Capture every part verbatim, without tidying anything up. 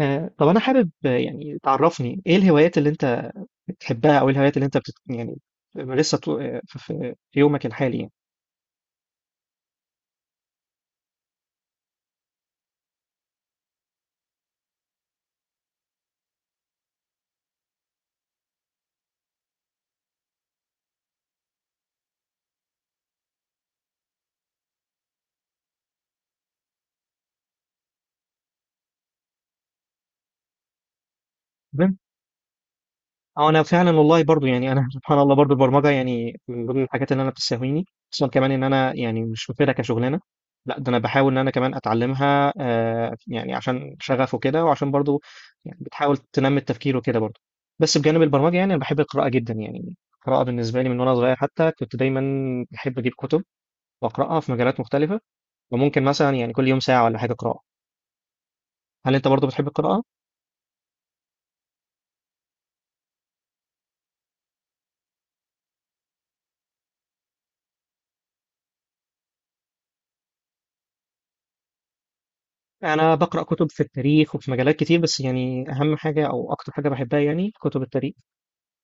آه، طب أنا حابب آه، يعني تعرفني إيه الهوايات اللي أنت بتحبها، أو إيه الهوايات اللي أنت بتت... يعني بتمارسها طو- آه، في في- في يومك الحالي يعني. تمام. أو أنا فعلا والله برضو يعني أنا سبحان الله، برضو البرمجة يعني من ضمن الحاجات اللي أنا بتساويني، خصوصا كمان إن أنا يعني مش واخدها كشغلانة، لا ده أنا بحاول إن أنا كمان أتعلمها، آه، يعني عشان شغف وكده، وعشان برضو يعني بتحاول تنمي التفكير وكده برضو. بس بجانب البرمجة يعني أنا بحب القراءة جدا، يعني القراءة بالنسبة لي من وأنا صغير حتى كنت دايما بحب أجيب كتب بقرأها في مجالات مختلفة، وممكن مثلا يعني كل يوم ساعة ولا حاجة قراءة. هل أنت برضو بتحب القراءة؟ أنا بقرأ كتب في التاريخ وفي مجالات كتير، بس يعني أهم حاجة أو أكتر حاجة بحبها يعني كتب التاريخ،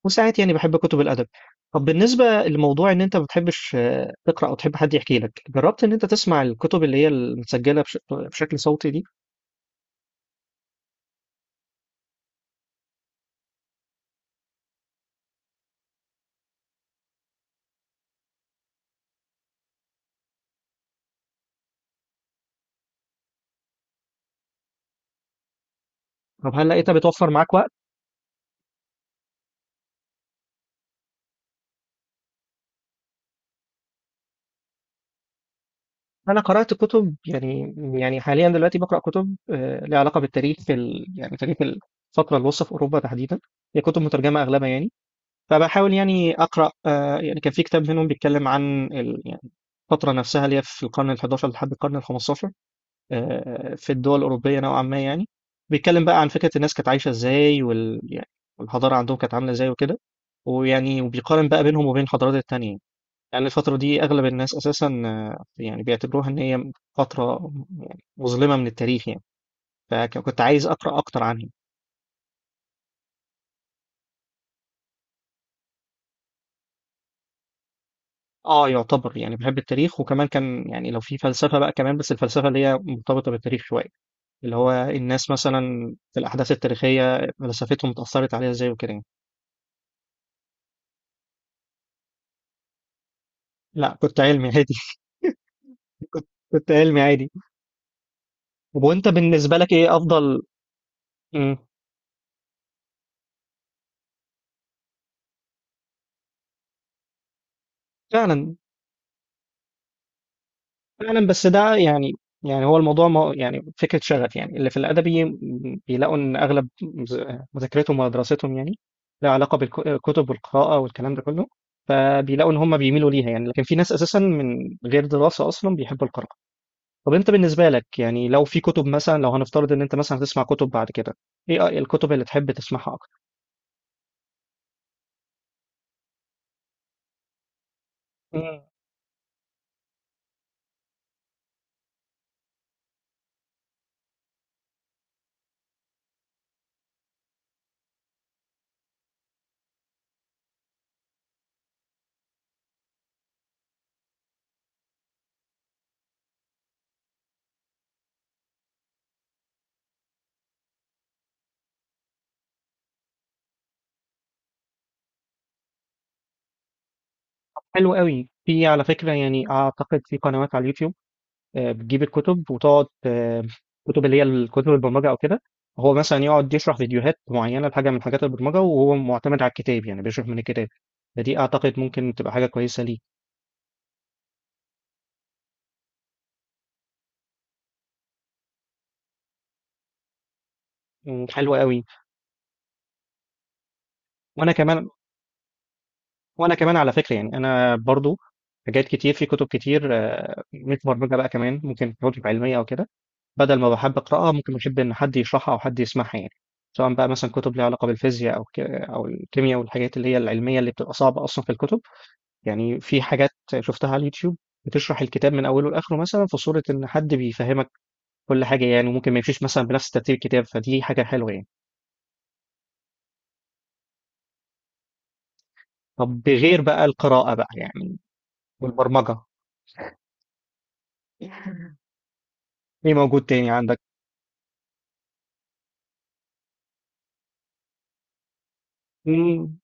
وساعات يعني بحب كتب الأدب. طب بالنسبة لموضوع إن أنت ما بتحبش آه، تقرأ أو تحب حد يحكي لك، جربت إن أنت تسمع الكتب اللي هي المسجلة بش- بشكل صوتي دي؟ طب هل لقيتها بتوفر معاك وقت؟ أنا قرأت كتب يعني، يعني حاليا دلوقتي بقرأ كتب، آه، ليها علاقة بالتاريخ، ال... يعني تاريخ الفترة الوسطى في أوروبا تحديدا. هي كتب مترجمة أغلبها يعني، فبحاول يعني اقرا، آه، يعني كان في كتاب منهم بيتكلم عن ال- يعني الفتره نفسها اللي هي في القرن الحادي عشر لحد القرن الخامس عشر في الدول الاوروبيه نوعا ما يعني. بيتكلم بقى عن فكره الناس كانت عايشه ازاي، وال يعني والحضاره عندهم كانت عامله ازاي وكده، ويعني وبيقارن بقى بينهم وبين الحضارات التانية. يعني الفترة دي أغلب الناس أساسا، آه، يعني بيعتبروها إن هي فترة يعني مظلمة من التاريخ يعني، فكنت عايز أقرأ أكتر عنها. اه يعتبر، يعني بحب التاريخ، وكمان كان يعني لو في فلسفة بقى كمان، بس الفلسفة اللي هي مرتبطة بالتاريخ شوية، اللي هو الناس مثلا في الأحداث التاريخية فلسفتهم اتأثرت عليها ازاي وكده يعني. لا كنت علمي عادي. كنت كنت علمي عادي. طب وانت بالنسبة لك ايه أفضل؟ مم. فعلا. فعلا بس ده يعني، يعني هو الموضوع ما يعني فكرة شغف، يعني اللي في الأدبي م- بيلاقوا إن أغلب مز- مذاكرتهم ودراستهم يعني لها علاقة بالكتب والقراءة والكلام ده كله، فبيلاقوا إن هم بيميلوا ليها يعني. لكن في ناس أساسا من غير دراسة أصلا بيحبوا القراءة. طب أنت بالنسبة لك يعني لو في كتب مثلا، لو هنفترض إن أنت مثلا هتسمع كتب بعد كده، إيه الكتب اللي تحب تسمعها أكتر؟ مم. حلو قوي. في، على فكرة يعني، أعتقد في قنوات على اليوتيوب آه، بتجيب الكتب وتقعد، آه، الكتب اللي هي الكتب البرمجه او كده. هو مثلا يقعد يشرح فيديوهات معينه لحاجه من حاجات البرمجه، وهو معتمد على الكتاب يعني بيشرح من الكتاب. فدي اعتقد ممكن تبقى حاجه كويسه ليك، وحلوه قوي. وانا كمان وانا كمان على فكره يعني، انا برضو حاجات كتير في كتب كتير، آه، مش برمجه بقى كمان، ممكن كتب علميه او كده، بدل ما بحب اقراها ممكن بحب ان حد يشرحها او حد يسمعها يعني، سواء بقى مثلا كتب ليها علاقه بالفيزياء او ك- او الكيمياء والحاجات اللي هي العلميه اللي بتبقى صعبه اصلا في الكتب. يعني في حاجات شفتها على اليوتيوب بتشرح الكتاب من اوله لاخره، مثلا في صوره ان حد بيفهمك كل حاجه يعني، وممكن ما يمشيش مثلا بنفس ترتيب الكتاب، فدي حاجه حلوه يعني. طب بغير بقى القراءه بقى يعني، والبرمجه، ايه موجود تاني عندك؟ مم،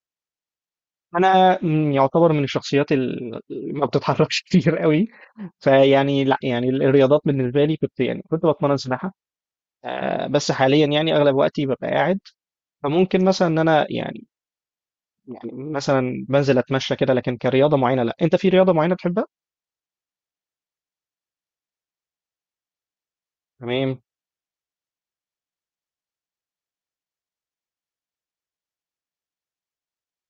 انا مم، يعتبر من الشخصيات اللي ما بتتحركش كتير قوي. فيعني لا، يعني الرياضات بالنسبه لي كنت يعني كنت بتمرن سباحه، آه، بس حاليا يعني اغلب وقتي ببقى قاعد. فممكن مثلا ان انا يعني، يعني مثلا بنزل اتمشى كده، لكن كرياضه معينه لا. انت في رياضه معينه بتحبها؟ تمام.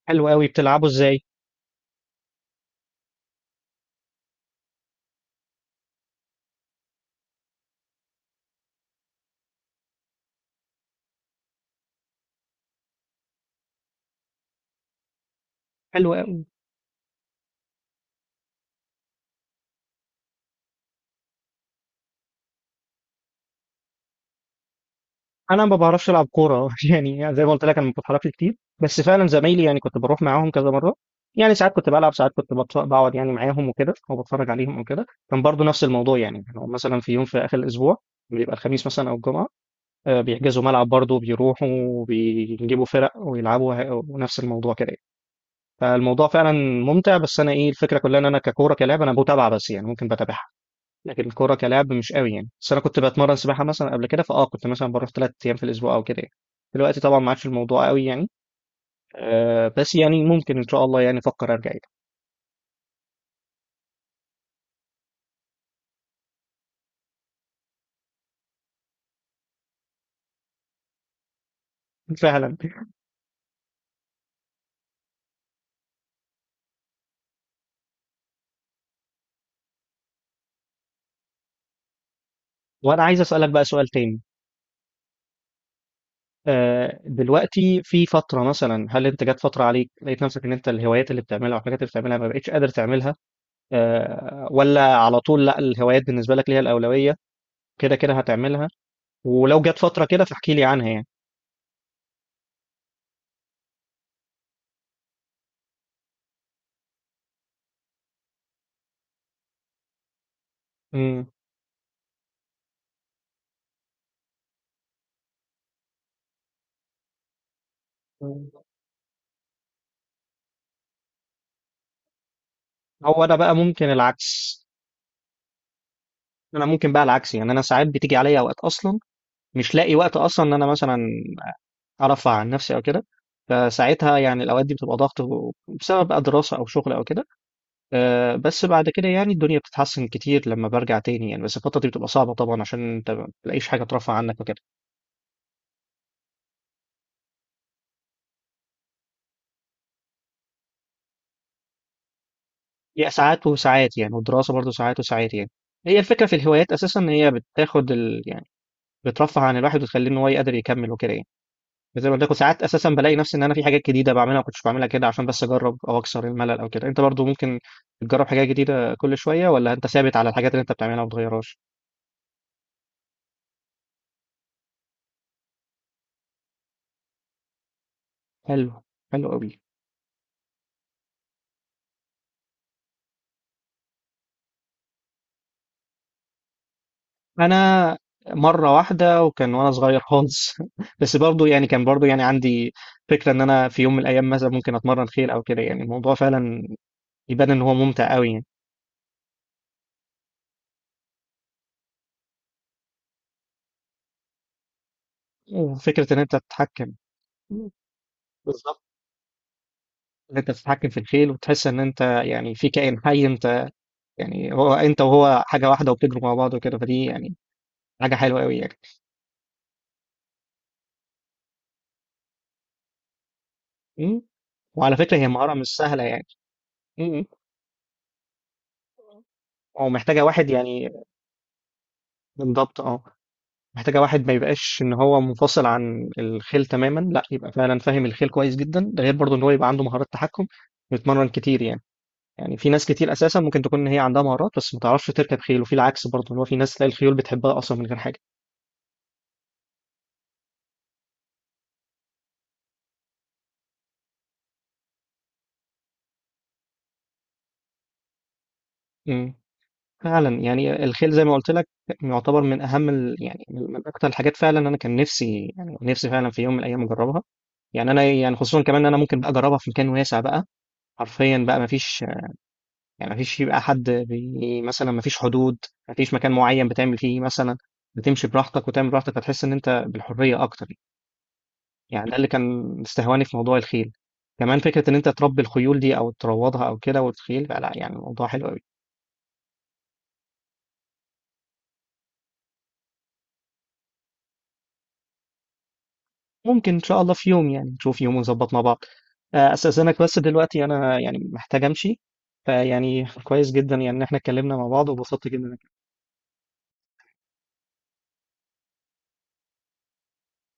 حلو قوي. بتلعبه ازاي؟ حلو قوي. انا ما بعرفش العب كوره، يعني زي ما قلت لك انا ما بتحركش كتير، بس فعلا زمايلي يعني كنت بروح معاهم كذا مره، يعني ساعات كنت بلعب، ساعات كنت بت- بقعد يعني معاهم وكده، او بتفرج عليهم او كده. كان برضو نفس الموضوع يعني، لو مثلا في يوم في اخر الاسبوع بيبقى الخميس مثلا او الجمعه، آه، بيحجزوا ملعب برضو، بيروحوا وبيجيبوا فرق ويلعبوا، ونفس الموضوع كده. فالموضوع فعلا ممتع، بس انا ايه الفكره كلها، ان انا ككوره كلاعب انا بتابعه، بس يعني ممكن بتابعها، لكن الكوره كلاعب مش قوي يعني. بس انا كنت بتمرن سباحه مثلا قبل كده، فاه كنت مثلا بروح ثلاث ايام في الاسبوع او كده يعني. دلوقتي طبعا ما عادش الموضوع قوي يعني، آه، بس يعني ممكن ان شاء الله يعني افكر ارجع يعني. فعلا. وانا عايز اسالك بقى سؤال تاني. آه، دلوقتي في فتره مثلا، هل انت جت فتره عليك لقيت نفسك ان انت الهوايات اللي بتعملها والحاجات اللي بتعملها ما بقتش قادر تعملها، آه ولا على طول لا الهوايات بالنسبه لك ليها الاولويه كده كده هتعملها؟ ولو جت فترة كده فاحكي لي عنها يعني. امم. مم. هو انا بقى ممكن العكس. انا ممكن بقى العكس يعني، انا ساعات بتيجي عليا اوقات اصلا مش لاقي وقت اصلا ان انا مثلا ارفع عن نفسي او كده، فساعتها يعني الاوقات دي بتبقى ضغط بسبب بقى دراسه او شغل او كده. آه، بس بعد كده يعني الدنيا بتتحسن كتير لما برجع تاني يعني، بس الفتره دي بتبقى صعبه طبعا عشان انت ما بتلاقيش حاجه ترفع عنك وكده. هي ساعات وساعات يعني، والدراسه برضو ساعات وساعات يعني. هي الفكره في الهوايات اساسا ان هي بتاخد ال... بترفه عن الواحد وتخليه ان هو يقدر يكمل وكده يعني. بس زي ما قلت لكم ساعات اساسا بلاقي نفسي ان انا في حاجات جديده بعملها ما كنتش بعملها كده، عشان بس اجرب او اكسر الملل او كده. انت برضو ممكن تجرب حاجات جديده كل شويه، ولا انت ثابت على الحاجات اللي انت بتعملها وما بتغيرهاش؟ حلو. حلو قوي. انا مره واحده، وكان وانا صغير خالص، بس برضو يعني كان برضو يعني عندي فكره ان انا في يوم من الايام مثلا ممكن اتمرن خيل او كده. يعني الموضوع فعلا يبان ان هو ممتع قوي يعني. وفكره ان انت تتحكم. بالظبط، اللي انت بتتحكم في الخيل وتحس ان انت يعني في كائن حي، انت يعني هو انت وهو حاجه واحده وبتجروا مع بعض وكده، فدي يعني حاجه حلوه قوي يعني. م؟ وعلى فكره هي مهاره مش سهله يعني. م- م. ومحتاجه واحد يعني. بالضبط اه. محتاجه واحد ما يبقاش ان هو منفصل عن الخيل تماما، لا يبقى فعلا فاهم الخيل كويس جدا، ده غير برضه ان هو يبقى عنده مهارات تحكم بيتمرن كتير يعني. يعني في ناس كتير اساسا ممكن تكون ان هي عندها مهارات بس ما تعرفش تركب خيل، وفي العكس برضه ان هو في ناس تلاقي الخيول بتحبها اصلا من غير حاجه. م. فعلا يعني الخيل زي ما قلت لك يعتبر من اهم ال... يعني من من اكتر الحاجات فعلا، انا كان نفسي يعني نفسي فعلا في يوم من الايام اجربها. يعني انا يعني خصوصا كمان ان انا ممكن بقى اجربها في مكان واسع بقى، حرفيا بقى ما فيش يعني، ما فيش يبقى حد بي... مثلا ما فيش حدود، ما فيش مكان معين بتعمل فيه مثلا، بتمشي براحتك وتعمل براحتك، هتحس ان انت بالحريه اكتر. يعني ده اللي كان استهواني في موضوع الخيل، كمان فكره ان انت تربي الخيول دي او تروضها او كده، والخيل لا يعني الموضوع حلو قوي. ممكن إن شاء الله في يوم، يعني نشوف يوم ونظبط مع بعض. آه، أستأذنك بس دلوقتي أنا يعني محتاج أمشي، فيعني كويس جدا يعني إن إحنا اتكلمنا مع بعض وبسطت جدا.